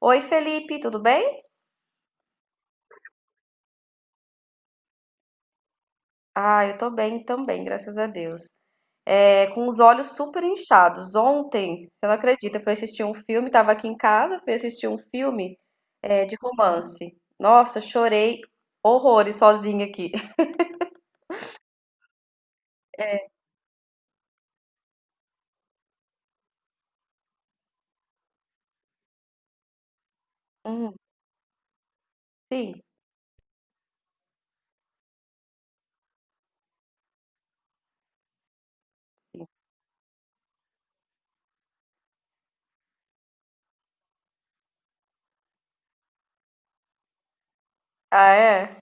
Oi, Felipe, tudo bem? Ah, eu tô bem também, graças a Deus. É, com os olhos super inchados. Ontem, você não acredita, eu fui assistir um filme, tava aqui em casa, fui assistir um filme, é, de romance. Nossa, chorei horrores sozinha aqui. Hum, sim. Sim. Ah, é?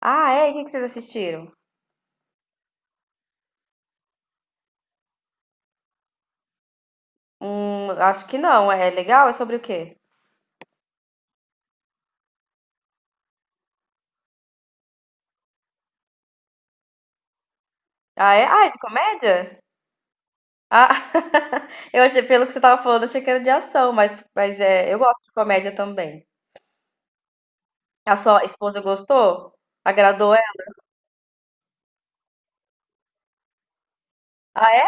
Ah, é? E o que que vocês assistiram? Acho que não. É legal? É sobre o quê? Ah, é? Ah, é de comédia? Ah, eu achei, pelo que você tava falando, eu achei que era de ação, mas é, eu gosto de comédia também. A sua esposa gostou? Agradou ela? Ah, é?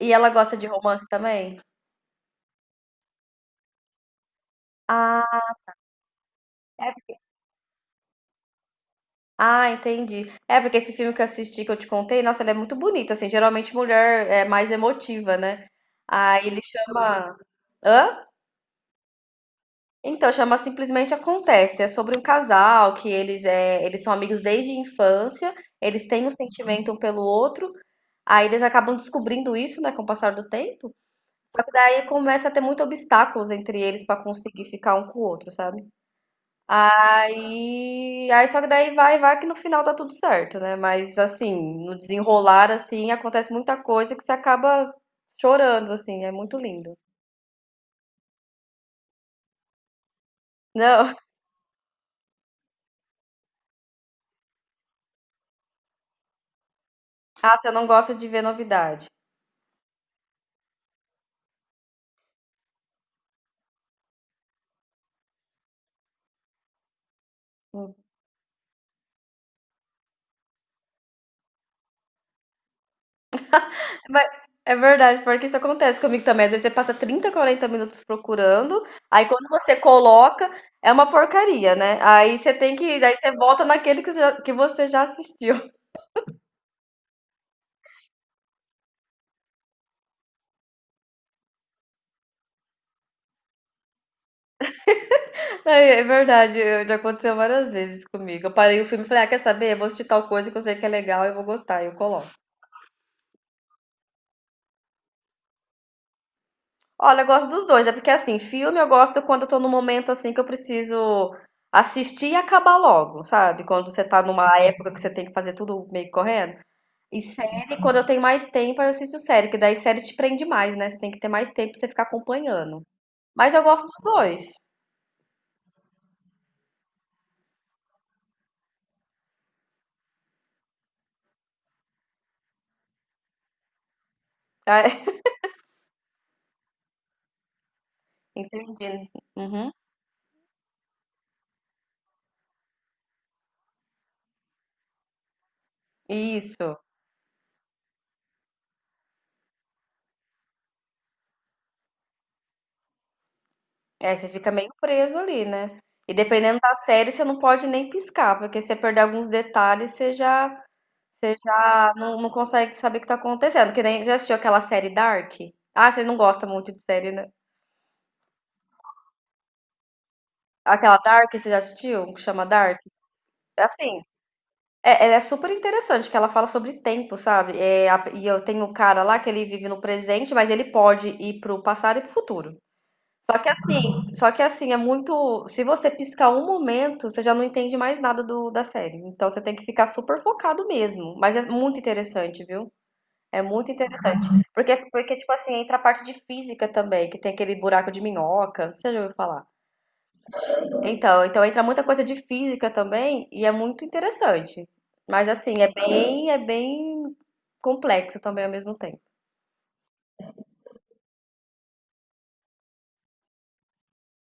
E ela gosta de romance também? Ah, é... ah, entendi. É porque esse filme que eu assisti, que eu te contei, nossa, ele é muito bonito, assim, geralmente mulher é mais emotiva, né? Aí ele chama. Hã? Então, chama Simplesmente Acontece. É sobre um casal que eles são amigos desde a infância, eles têm um sentimento um pelo outro, aí eles acabam descobrindo isso, né, com o passar do tempo. Só que daí começa a ter muitos obstáculos entre eles pra conseguir ficar um com o outro, sabe? Aí só que daí vai que no final tá tudo certo, né? Mas assim, no desenrolar assim, acontece muita coisa que você acaba chorando assim, é muito lindo. Não, ah, você não gosta de ver novidade. Hum. Mas é verdade, porque isso acontece comigo também. Às vezes você passa 30, 40 minutos procurando, aí quando você coloca, é uma porcaria, né? Aí você volta naquele que você já assistiu. É, verdade, já aconteceu várias vezes comigo. Eu parei o filme e falei, ah, quer saber? Eu vou assistir tal coisa que eu sei que é legal e eu vou gostar, e eu coloco. Olha, eu gosto dos dois, é porque assim, filme eu gosto quando eu tô num momento assim que eu preciso assistir e acabar logo, sabe? Quando você tá numa época que você tem que fazer tudo meio que correndo. E série, quando eu tenho mais tempo, aí eu assisto série, que daí série te prende mais, né? Você tem que ter mais tempo pra você ficar acompanhando. Mas eu gosto dos dois. Tá? Entendi. Uhum. Isso. É, você fica meio preso ali, né? E dependendo da série, você não pode nem piscar, porque se você perder alguns detalhes, você já não consegue saber o que tá acontecendo. Que nem, já assistiu aquela série Dark? Ah, você não gosta muito de série, né? Aquela Dark, você já assistiu? Que chama Dark? Assim, ela é super interessante, que ela fala sobre tempo, sabe? É, e eu tenho um cara lá que ele vive no presente, mas ele pode ir pro passado e pro futuro. Só que assim, é muito. Se você piscar um momento, você já não entende mais nada da série. Então você tem que ficar super focado mesmo. Mas é muito interessante, viu? É muito interessante. Porque, tipo assim, entra a parte de física também, que tem aquele buraco de minhoca. Você já ouviu falar? Então entra muita coisa de física também e é muito interessante. Mas assim, é bem complexo também ao mesmo tempo.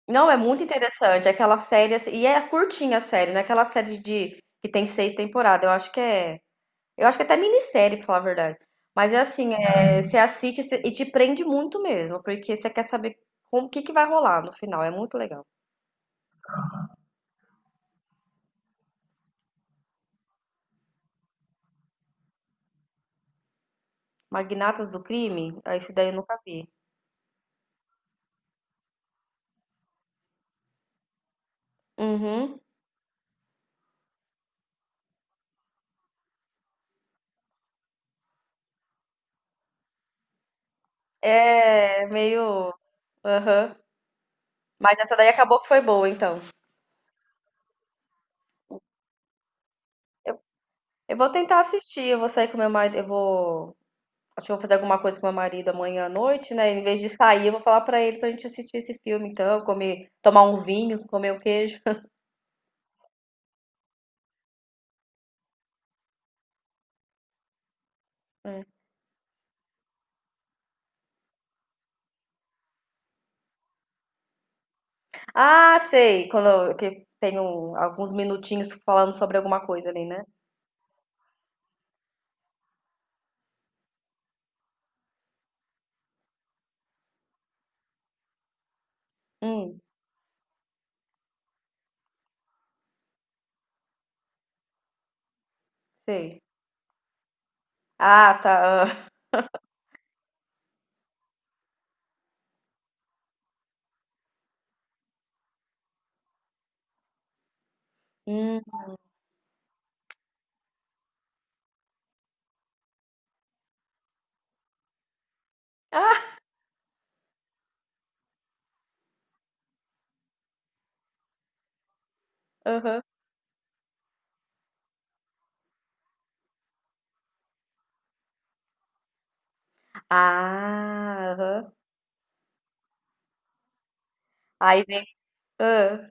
Não, é muito interessante. É aquela série, assim, e é curtinha a série, não é aquela série de que tem seis temporadas. Eu acho que é. Eu acho que é até minissérie, pra falar a verdade. Mas é assim, você assiste e te prende muito mesmo, porque você quer saber que vai rolar no final. É muito legal. Magnatas do Crime? Ah, esse daí eu nunca vi. Uhum. É meio. Aham. Mas essa daí acabou que foi boa, então. Eu vou tentar assistir, eu vou sair com meu marido. Eu vou Acho que eu vou fazer alguma coisa com meu marido amanhã à noite, né? Em vez de sair, eu vou falar pra ele pra gente assistir esse filme, então, comer, tomar um vinho, comer o queijo. Ah, sei, que tem alguns minutinhos falando sobre alguma coisa ali, né? Hum, sei. Ah, tá. Ah. Hum, ah, aham. Ah, aham. Aí vem. Ah,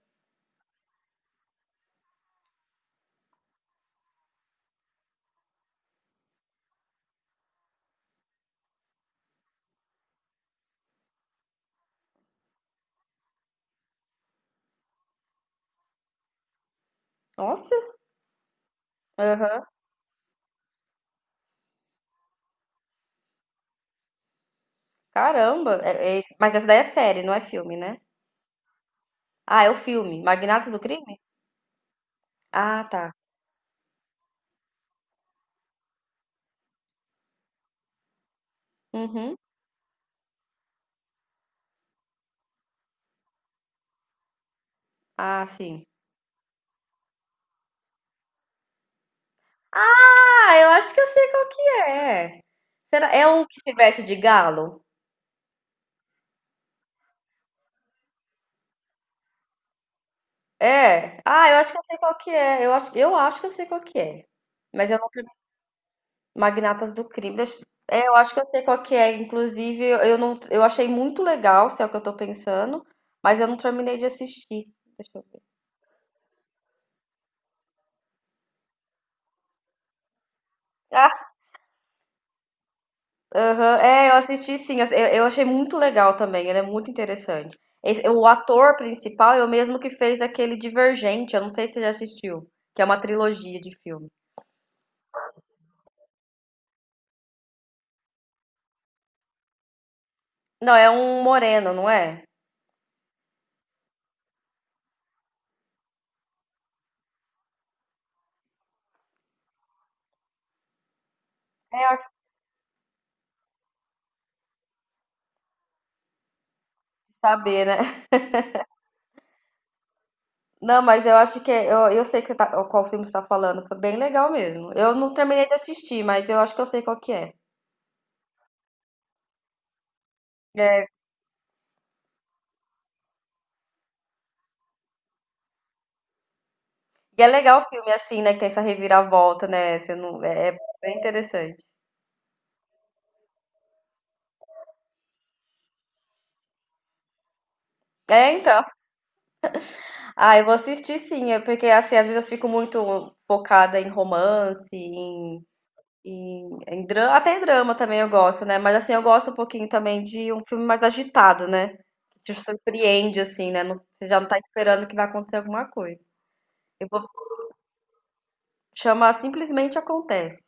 nossa, aham. Caramba. Mas essa daí é série, não é filme, né? Ah, é o filme. Magnatos do Crime? Ah, tá. Uhum. Ah, sim. Ah, eu acho que eu sei qual que é. Será? É um que se veste de galo? É. Ah, eu acho que eu sei qual que é. Eu acho que eu sei qual que é. Mas eu não tenho Magnatas do Crime. É, eu acho que eu sei qual que é. Inclusive, eu achei muito legal, se é o que eu tô pensando, mas eu não terminei de assistir. Deixa eu ver. Ah, aham, é, eu assisti sim, eu achei muito legal também, ele é muito interessante. O ator principal é o mesmo que fez aquele Divergente, eu não sei se você já assistiu, que é uma trilogia de filme. Não, é um moreno, não é? É, eu acho que saber, né? Não, mas eu acho que eu sei qual filme você tá falando, foi bem legal mesmo. Eu não terminei de assistir, mas eu acho que eu sei qual que é. É, e é legal o filme assim, né, que tem essa reviravolta, né? Você não, é, é bem interessante. É, então. Ah, eu vou assistir sim, é porque assim, às vezes eu fico muito focada em romance, em, drama, até em drama também eu gosto, né? Mas assim, eu gosto um pouquinho também de um filme mais agitado, né? Que te surpreende, assim, né? Você já não tá esperando que vai acontecer alguma coisa. Eu vou chamar Simplesmente Acontece.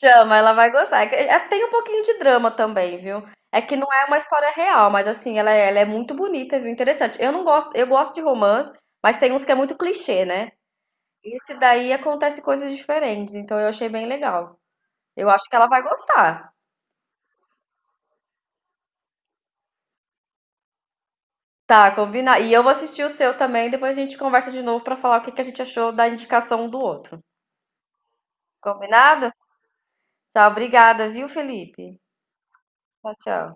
Chama, ela vai gostar. Tem um pouquinho de drama também, viu? É que não é uma história real, mas assim, ela é muito bonita, viu? Interessante. Eu não gosto, eu gosto de romance, mas tem uns que é muito clichê, né? Esse daí acontece coisas diferentes, então eu achei bem legal. Eu acho que ela vai gostar. Tá, combinado. E eu vou assistir o seu também, depois a gente conversa de novo pra falar o que que a gente achou da indicação um do outro. Combinado? Tá, obrigada, viu, Felipe? Tchau, tchau.